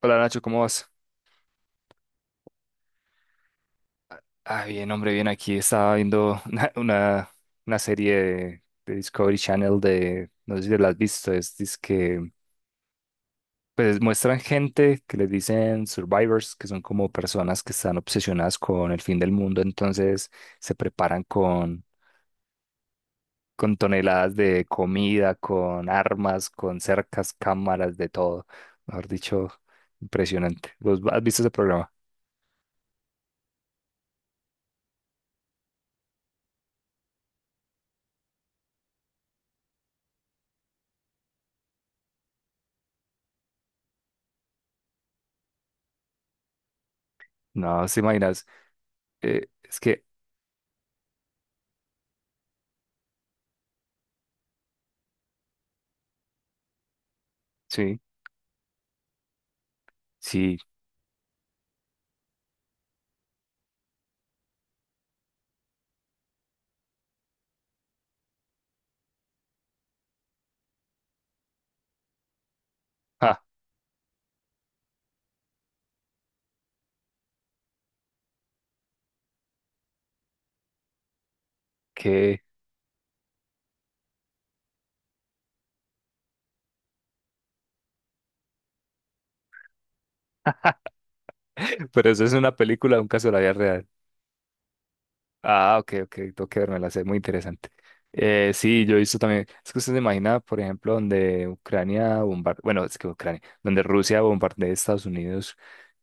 Hola, Nacho, ¿cómo vas? Ah, bien, hombre, bien. Aquí estaba viendo una serie de Discovery Channel, de, no sé si la has visto, es que pues muestran gente que les dicen survivors, que son como personas que están obsesionadas con el fin del mundo. Entonces se preparan con toneladas de comida, con armas, con cercas, cámaras, de todo. Mejor dicho, impresionante. ¿Vos has visto ese programa? No, se imaginas. Es que, sí. Sí. Ah, qué. Pero, ¿eso es una película, un caso de la vida real? Ah, ok, ok, tengo que verme la sé, muy interesante. Sí, yo he visto también, es que usted se imagina, por ejemplo, donde Ucrania bombardea, bueno, es que Ucrania, donde Rusia bombardea a Estados Unidos,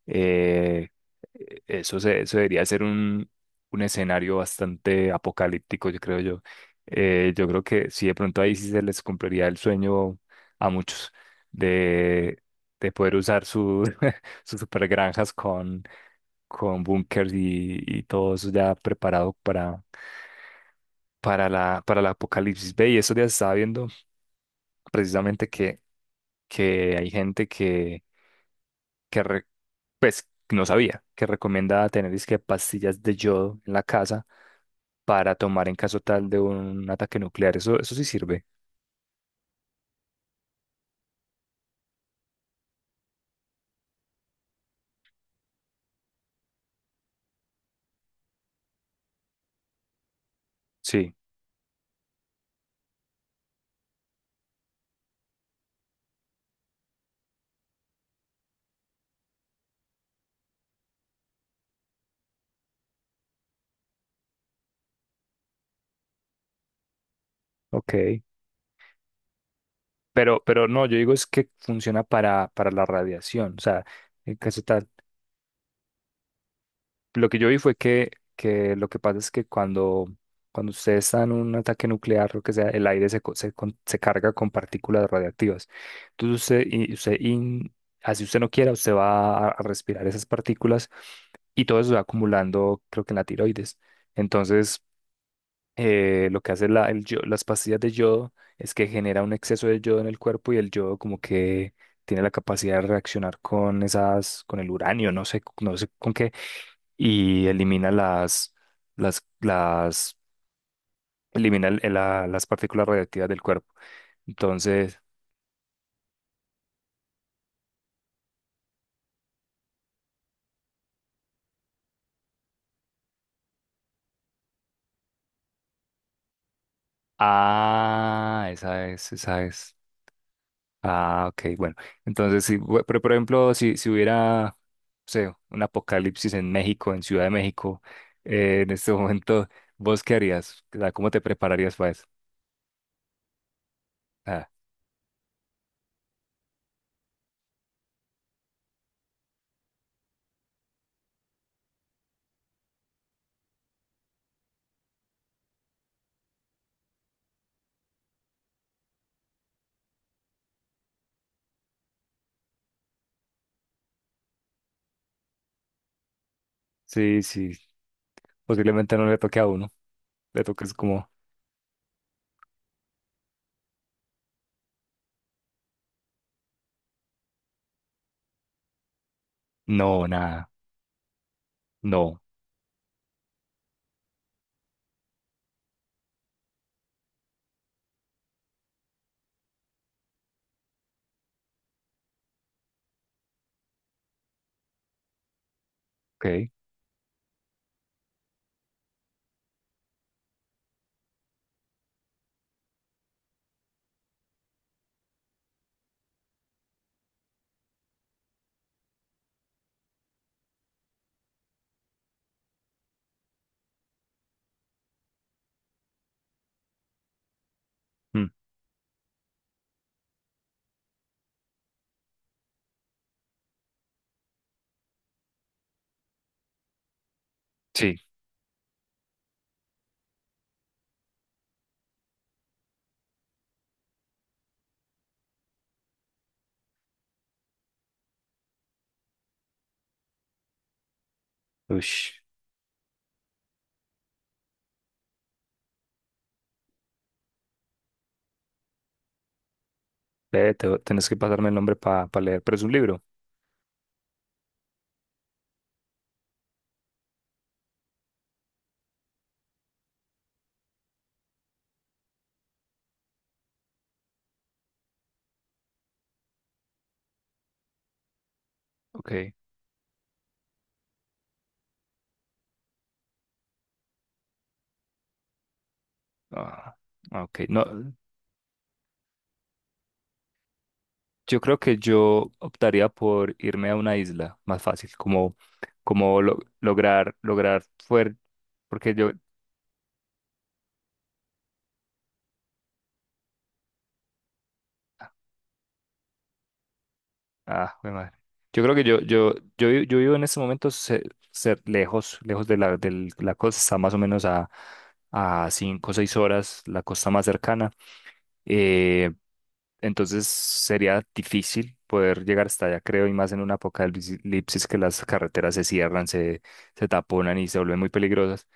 eh, eso, se, eso debería ser un escenario bastante apocalíptico, yo creo yo. Yo creo que sí, de pronto ahí sí se les cumpliría el sueño a muchos de, de poder usar su, sus supergranjas con búnkers y todo eso ya preparado para la, para el apocalipsis. Ve, y esos días estaba viendo precisamente que hay gente que re-, pues, no sabía, que recomienda tener es que pastillas de yodo en la casa para tomar en caso tal de un ataque nuclear. Eso sí sirve. Sí, ok. Pero no, yo digo es que funciona para la radiación. O sea, en caso tal. Lo que yo vi fue que lo que pasa es que cuando, cuando usted está en un ataque nuclear, lo que sea, el aire se, co- se, con- se carga con partículas radiactivas. Entonces usted, y- usted in- así usted no quiera, usted va a respirar esas partículas y todo eso se va acumulando, creo que en la tiroides. Entonces, lo que hace la, el yo- las pastillas de yodo es que genera un exceso de yodo en el cuerpo y el yodo como que tiene la capacidad de reaccionar con esas, con el uranio, no sé, no sé con qué, y elimina las, elimina el- la- las partículas radiactivas del cuerpo. Entonces, ah, esa es, esa es. Ah, ok, bueno. Entonces, sí, bu- pero por ejemplo, si, si hubiera, no sé, un apocalipsis en México, en Ciudad de México, en este momento, ¿vos qué harías? O sea, ¿cómo te prepararías para eso? Ah, sí, sí, posiblemente no le toque a uno, le toques como, no, nada, no, ok, mm, sí, ush. Ve, te- tenés que pasarme el nombre para leer, pero ¿es un libro? Ok. Ah, ah, ok. No, yo creo que yo optaría por irme a una isla más fácil, como, como lo- lograr, lograr fuer- porque yo, ah, jue madre. Yo creo que yo, vi- yo vivo en este momento ce- cer- lejos, lejos de la, del- la costa, más o menos a cinco o seis horas, la costa más cercana. Eh, Entonces sería difícil poder llegar hasta allá, creo, y más en una apocalipsis que las carreteras se cierran, se taponan y se vuelven muy peligrosas.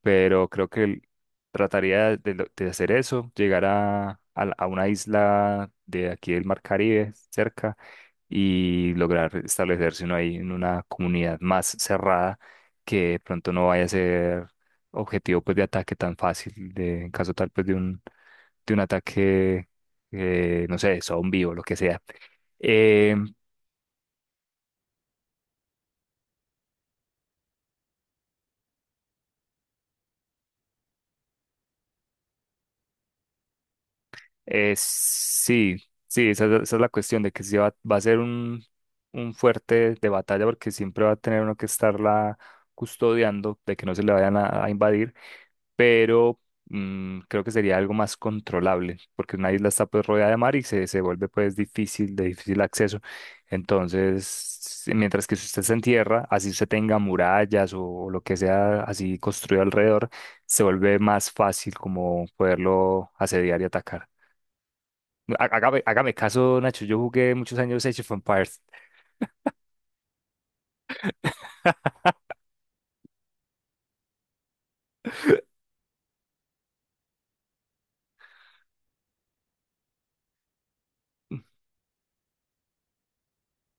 Pero creo que el- trataría de, lo- de hacer eso, llegar a, la- a una isla de aquí del Mar Caribe, cerca, y lograr establecerse uno ahí en una comunidad más cerrada, que de pronto no vaya a ser objetivo pues, de ataque tan fácil, de, en caso tal pues, de un ataque, no sé, zombie o lo que sea. Eh, sí, sí, esa es la cuestión de que sí va, va a ser un fuerte de batalla porque siempre va a tener uno que estarla custodiando de que no se le vayan a invadir. Pero mm, creo que sería algo más controlable, porque una isla está pues rodeada de mar y se vuelve pues difícil, de difícil acceso. Entonces, si- mientras que si usted se entierra, así usted tenga murallas o, lo que sea así construido alrededor, se vuelve más fácil como poderlo asediar y atacar. Há- Hágame, hágame caso, Nacho, yo jugué muchos años Age of Empires.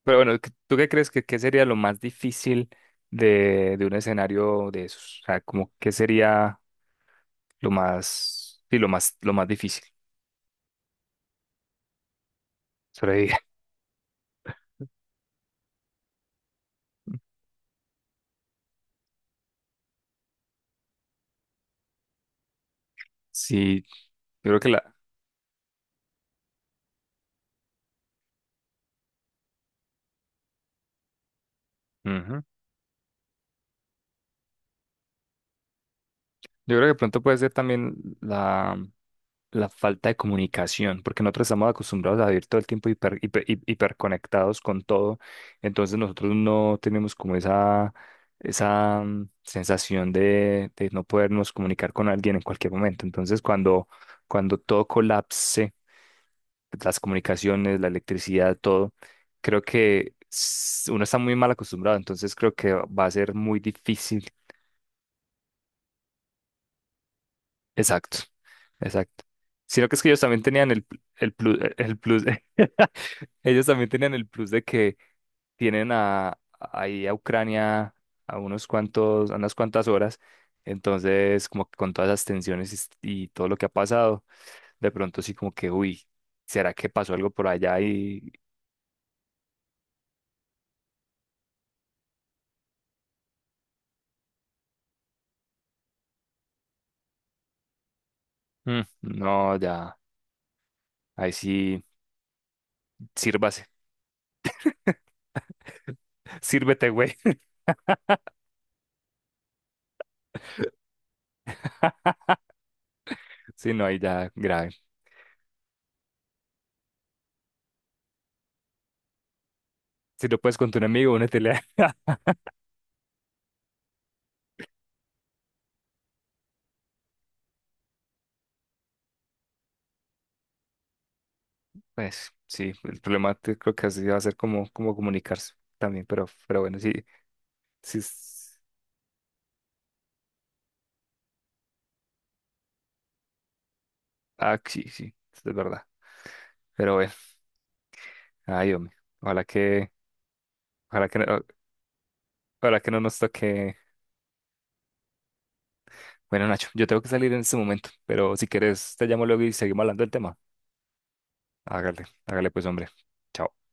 Pero bueno, ¿qué- ¿tú qué crees que qué sería lo más difícil de un escenario de esos? O sea, ¿como qué sería lo más, sí, lo más difícil, sobrevivir? Sí, yo creo que la, ujú. Yo creo que pronto puede ser también la, la falta de comunicación, porque nosotros estamos acostumbrados a vivir todo el tiempo hiper, hiper- hi- hiperconectados con todo, entonces nosotros no tenemos como esa mm, sensación de no podernos comunicar con alguien en cualquier momento. Entonces, cuando, cuando todo colapse, las comunicaciones, la electricidad, todo. Creo que s- uno está muy mal acostumbrado, entonces creo que va a ser muy difícil. Exacto, exacto. Sino que es que ellos también tenían el, pl- el plus, ellos también tenían el plus de que tienen a, ahí a Ucrania a unos cuantos, a unas cuantas horas, entonces como que con todas las tensiones y, s- y todo lo que ha pasado, de pronto sí como que, uy, ¿será que pasó algo por allá? Y mm, no, ya. Ahí sí, sírvase. Sírvete, güey. Sí, no, ahí ya grave. Si no puedes con tu enemigo, únetele. Pues sí, el problema te- creo que así va a ser como, como comunicarse también, pero bueno, sí, sí, es- ah, sí, sí, eso es verdad. Pero bueno, ay, hombre, ojalá que, ojalá que, no- ojalá que no nos toque. Bueno, Nacho, yo tengo que salir en este momento, pero si quieres, te llamo luego y seguimos hablando del tema. Hágale, hágale pues, hombre. Chao.